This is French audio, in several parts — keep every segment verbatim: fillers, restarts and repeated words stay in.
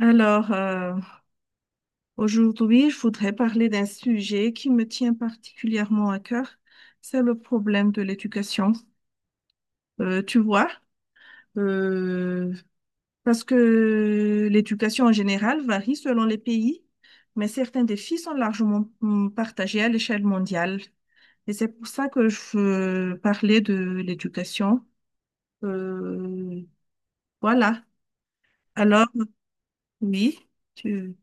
Alors, euh, aujourd'hui, je voudrais parler d'un sujet qui me tient particulièrement à cœur, c'est le problème de l'éducation. Euh, tu vois, euh, parce que l'éducation en général varie selon les pays, mais certains défis sont largement mm, partagés à l'échelle mondiale. Et c'est pour ça que je veux parler de l'éducation. Euh, voilà. Alors, oui, tu...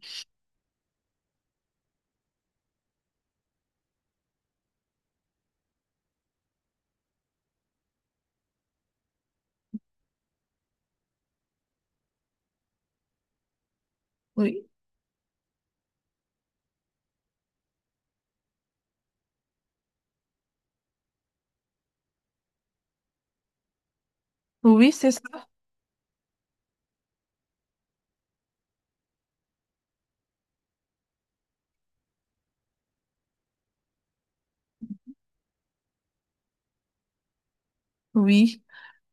Oui, oui, c'est ça. Oui.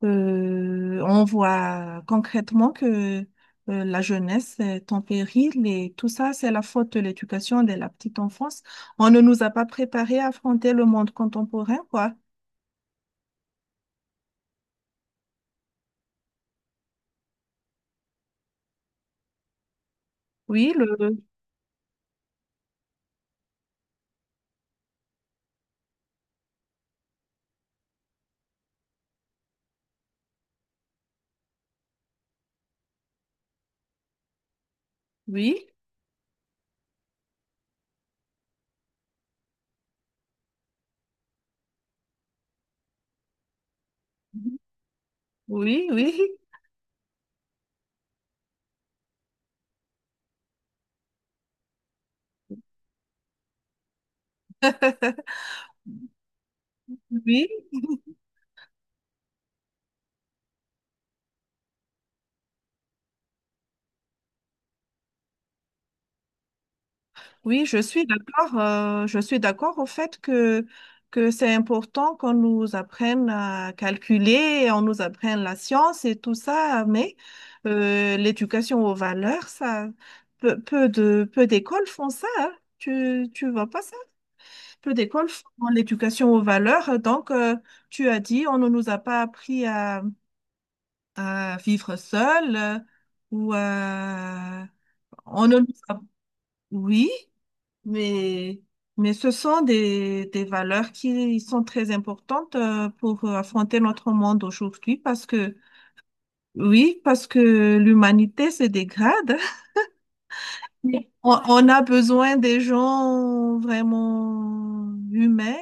Euh, on voit concrètement que euh, la jeunesse est en péril et tout ça, c'est la faute de l'éducation dès la petite enfance. On ne nous a pas préparés à affronter le monde contemporain, quoi. Oui, le, oui, oui, oui, oui. Oui, je suis d'accord. Euh, je suis d'accord au fait que, que c'est important qu'on nous apprenne à calculer, on nous apprenne la science et tout ça, mais euh, l'éducation aux valeurs, ça, peu, peu de, peu d'écoles font ça. Hein. Tu, tu vois pas ça? Peu d'écoles font l'éducation aux valeurs. Donc, euh, tu as dit, on ne nous a pas appris à, à vivre seul euh, ou à- on ne nous a... Oui. Mais, mais ce sont des, des valeurs qui sont très importantes euh, pour affronter notre monde aujourd'hui parce que, oui, parce que l'humanité se dégrade. Oui. On, on a besoin des gens vraiment humains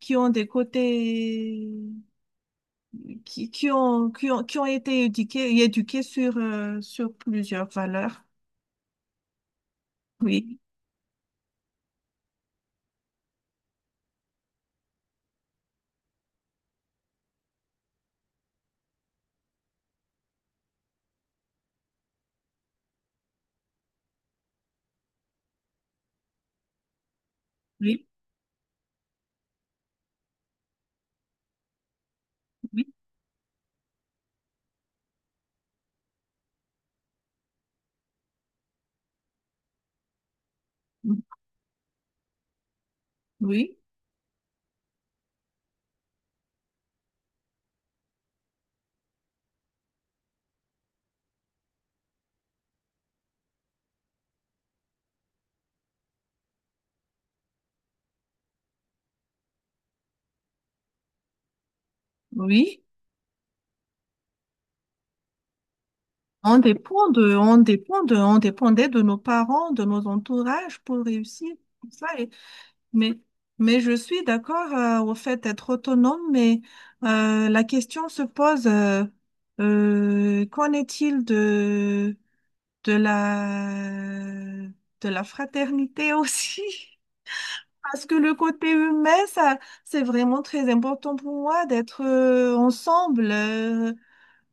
qui ont des côtés, qui, qui ont, qui ont, qui ont été éduqués, éduqués sur, euh, sur plusieurs valeurs. Oui, oui, oui, oui, oui. On dépend de, on dépend de, on dépendait de nos parents, de nos entourages pour réussir, tout ça. Et- mais, mais je suis d'accord euh, au fait d'être autonome, mais euh, la question se pose, euh, euh, qu'en est-il de, de la, de la fraternité aussi? Parce que le côté humain, ça, c'est vraiment très important pour moi d'être euh, ensemble. euh,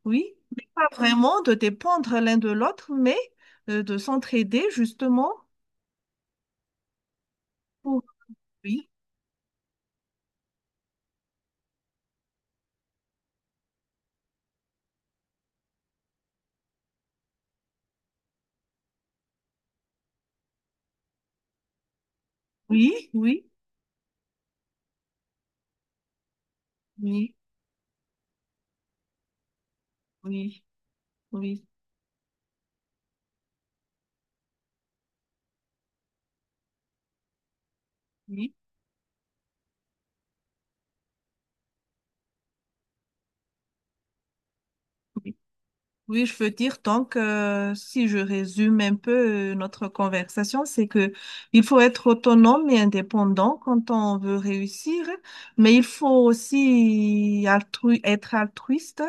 Oui, mais pas vraiment de dépendre l'un de l'autre, mais euh, de s'entraider justement pour... Oui, oui, oui, oui, oui, oui, oui, oui. Oui, je veux dire, donc, euh, si je résume un peu euh, notre conversation, c'est que il faut être autonome et indépendant quand on veut réussir, mais il faut aussi altrui- être altruiste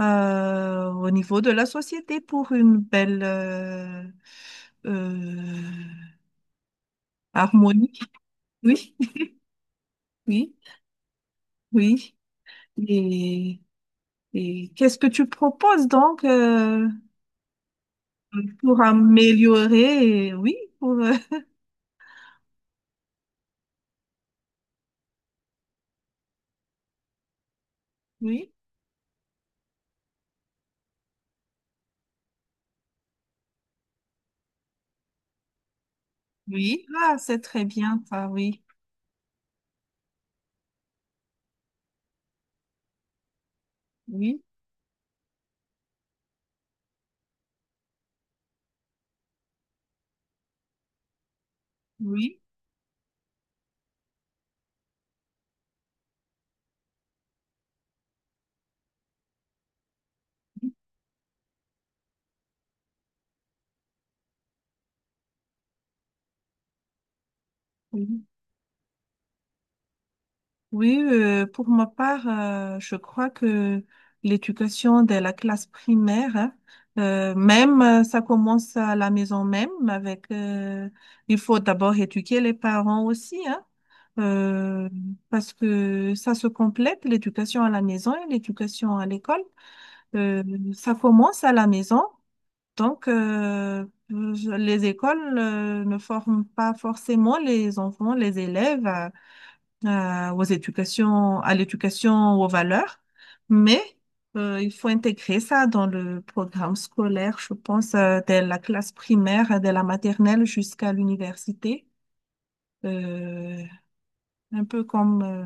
euh, au niveau de la société pour une belle... euh, euh, Harmonique, oui, oui, oui. Et, et qu'est-ce que tu proposes donc euh, pour améliorer? euh, Oui, pour, euh, oui, oui. Ah, c'est très bien ça, oui, oui, oui, oui. Oui. Oui, euh, pour ma part, euh, je crois que l'éducation de la classe primaire, hein, euh, même euh, ça commence à la maison même avec, euh, il faut d'abord éduquer les parents aussi, hein, euh, parce que ça se complète, l'éducation à la maison et l'éducation à l'école. Euh, ça commence à la maison, donc euh, je- les écoles euh, ne forment pas forcément les enfants, les élèves euh, aux éducations, à l'éducation, aux valeurs, mais euh, il faut intégrer ça dans le programme scolaire, je pense, euh, dès la classe primaire, dès la maternelle jusqu'à l'université. Euh, un peu comme, euh,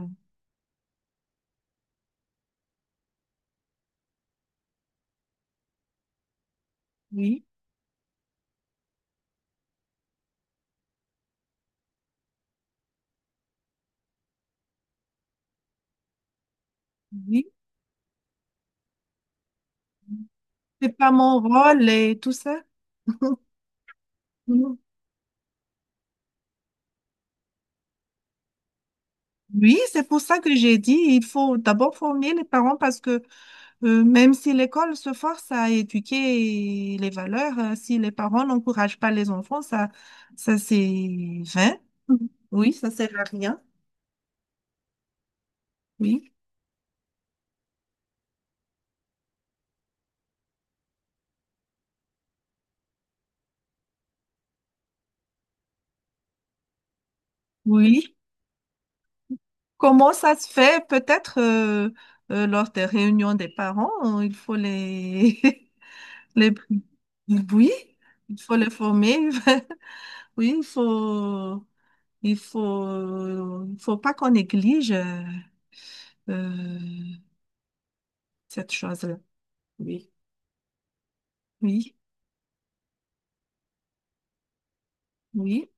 oui, oui, c'est pas mon rôle et tout ça. Oui, c'est pour ça que j'ai dit, il faut d'abord former les parents parce que Euh, même si l'école se force à éduquer les valeurs, euh, si les parents n'encouragent pas les enfants, ça, ça c'est vain. Oui, ça sert à rien. Oui, oui. Comment ça se fait? Peut-être euh, euh, lors des réunions des parents, euh, il faut les, les... Oui, il faut les former. Oui, il faut, il faut, il faut pas qu'on néglige euh, euh, cette chose-là. Oui, oui. Oui,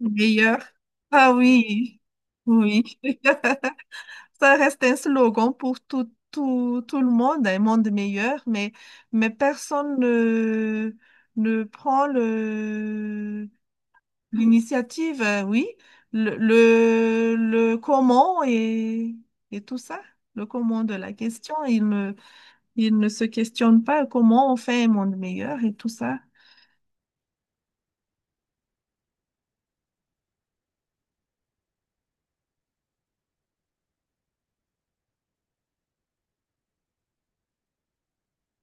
meilleur. Ah oui, oui. Ça reste un slogan pour tout, tout, tout le monde, un monde meilleur, mais, mais personne ne, ne prend le, l'initiative, euh, oui, le, le, le comment et, et tout ça, le comment de la question. Il ne, il ne se questionne pas comment on fait un monde meilleur et tout ça.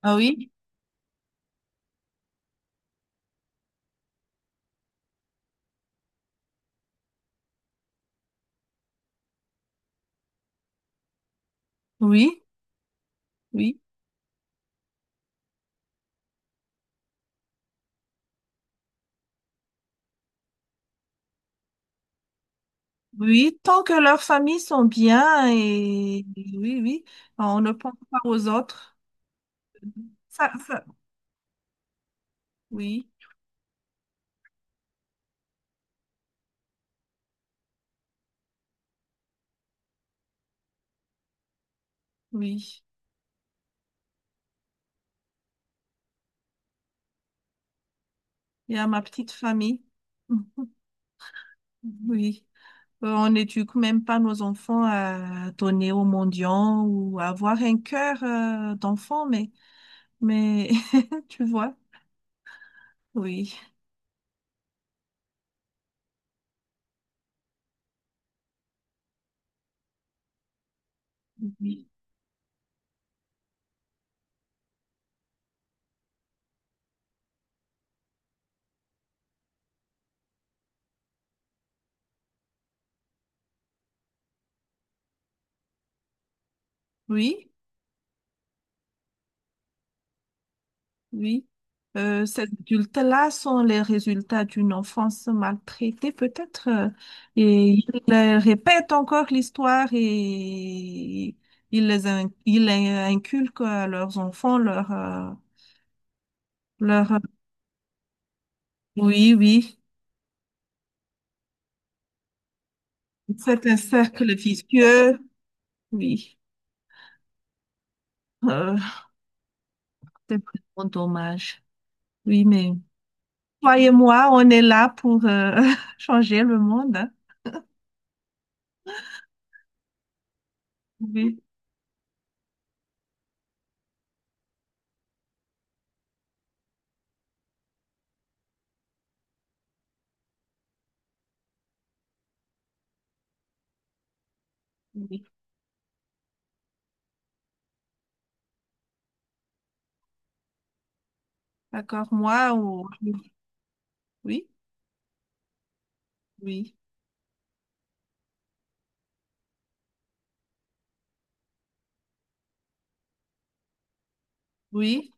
Ah oui, oui, oui. Oui, tant que leurs familles sont bien et oui, oui, on ne pense pas aux autres. Ça- ça- Oui, oui. Il y a ma petite famille. Mhm. Oui. Euh, on n'éduque même pas nos enfants à donner aux mendiants ou à avoir un cœur euh, d'enfant, mais, mais tu vois, oui. Oui. Oui. Oui. Euh, ces adultes-là sont les résultats d'une enfance maltraitée, peut-être, euh, et ils euh, répètent encore l'histoire et ils les in- ils les inculquent à leurs enfants leur, euh, leur... Oui, oui. C'est un cercle vicieux. Oui. Euh, c'est vraiment dommage. Oui, mais toi et moi, on est là pour euh, changer le monde. Hein. Oui, oui. D'accord, moi, ou... oui, oui. Oui,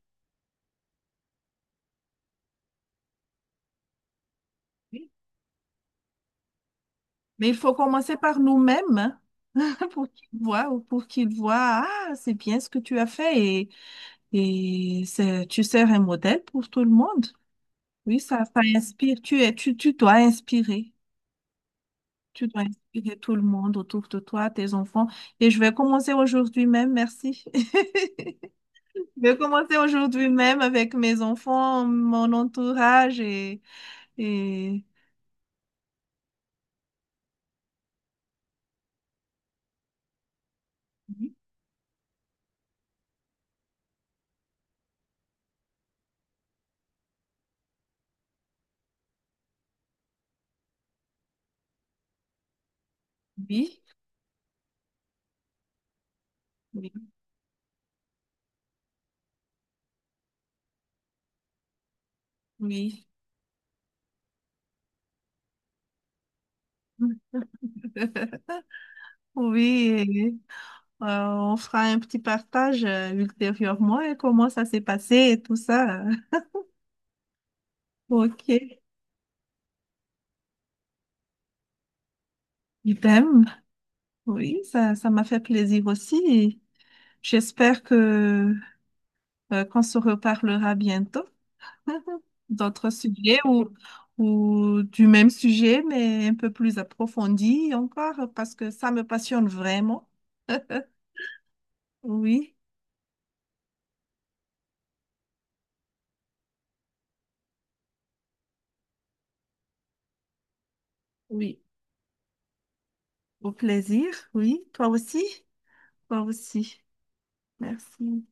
oui. Mais il faut commencer par nous-mêmes, hein, pour qu'ils voient ou pour qu'ils voient, ah, c'est bien ce que tu as fait et, et c'est, tu sers un modèle pour tout le monde. Oui, ça, ça inspire, tu es, tu, tu dois inspirer. Tu dois inspirer tout le monde autour de toi, tes enfants. Et je vais commencer aujourd'hui même, merci. Je vais commencer aujourd'hui même avec mes enfants, mon entourage et, et... Oui, oui, oui. Oui, Euh, on fera un petit partage euh, ultérieurement et comment ça s'est passé et tout ça. euh. Ok. Idem. Oui, ça, ça m'a fait plaisir aussi. Et j'espère que euh, qu'on se reparlera bientôt d'autres sujets ou, ou du même sujet, mais un peu plus approfondi encore, parce que ça me passionne vraiment. Oui, oui. Au plaisir, oui. Toi aussi, toi aussi. Merci.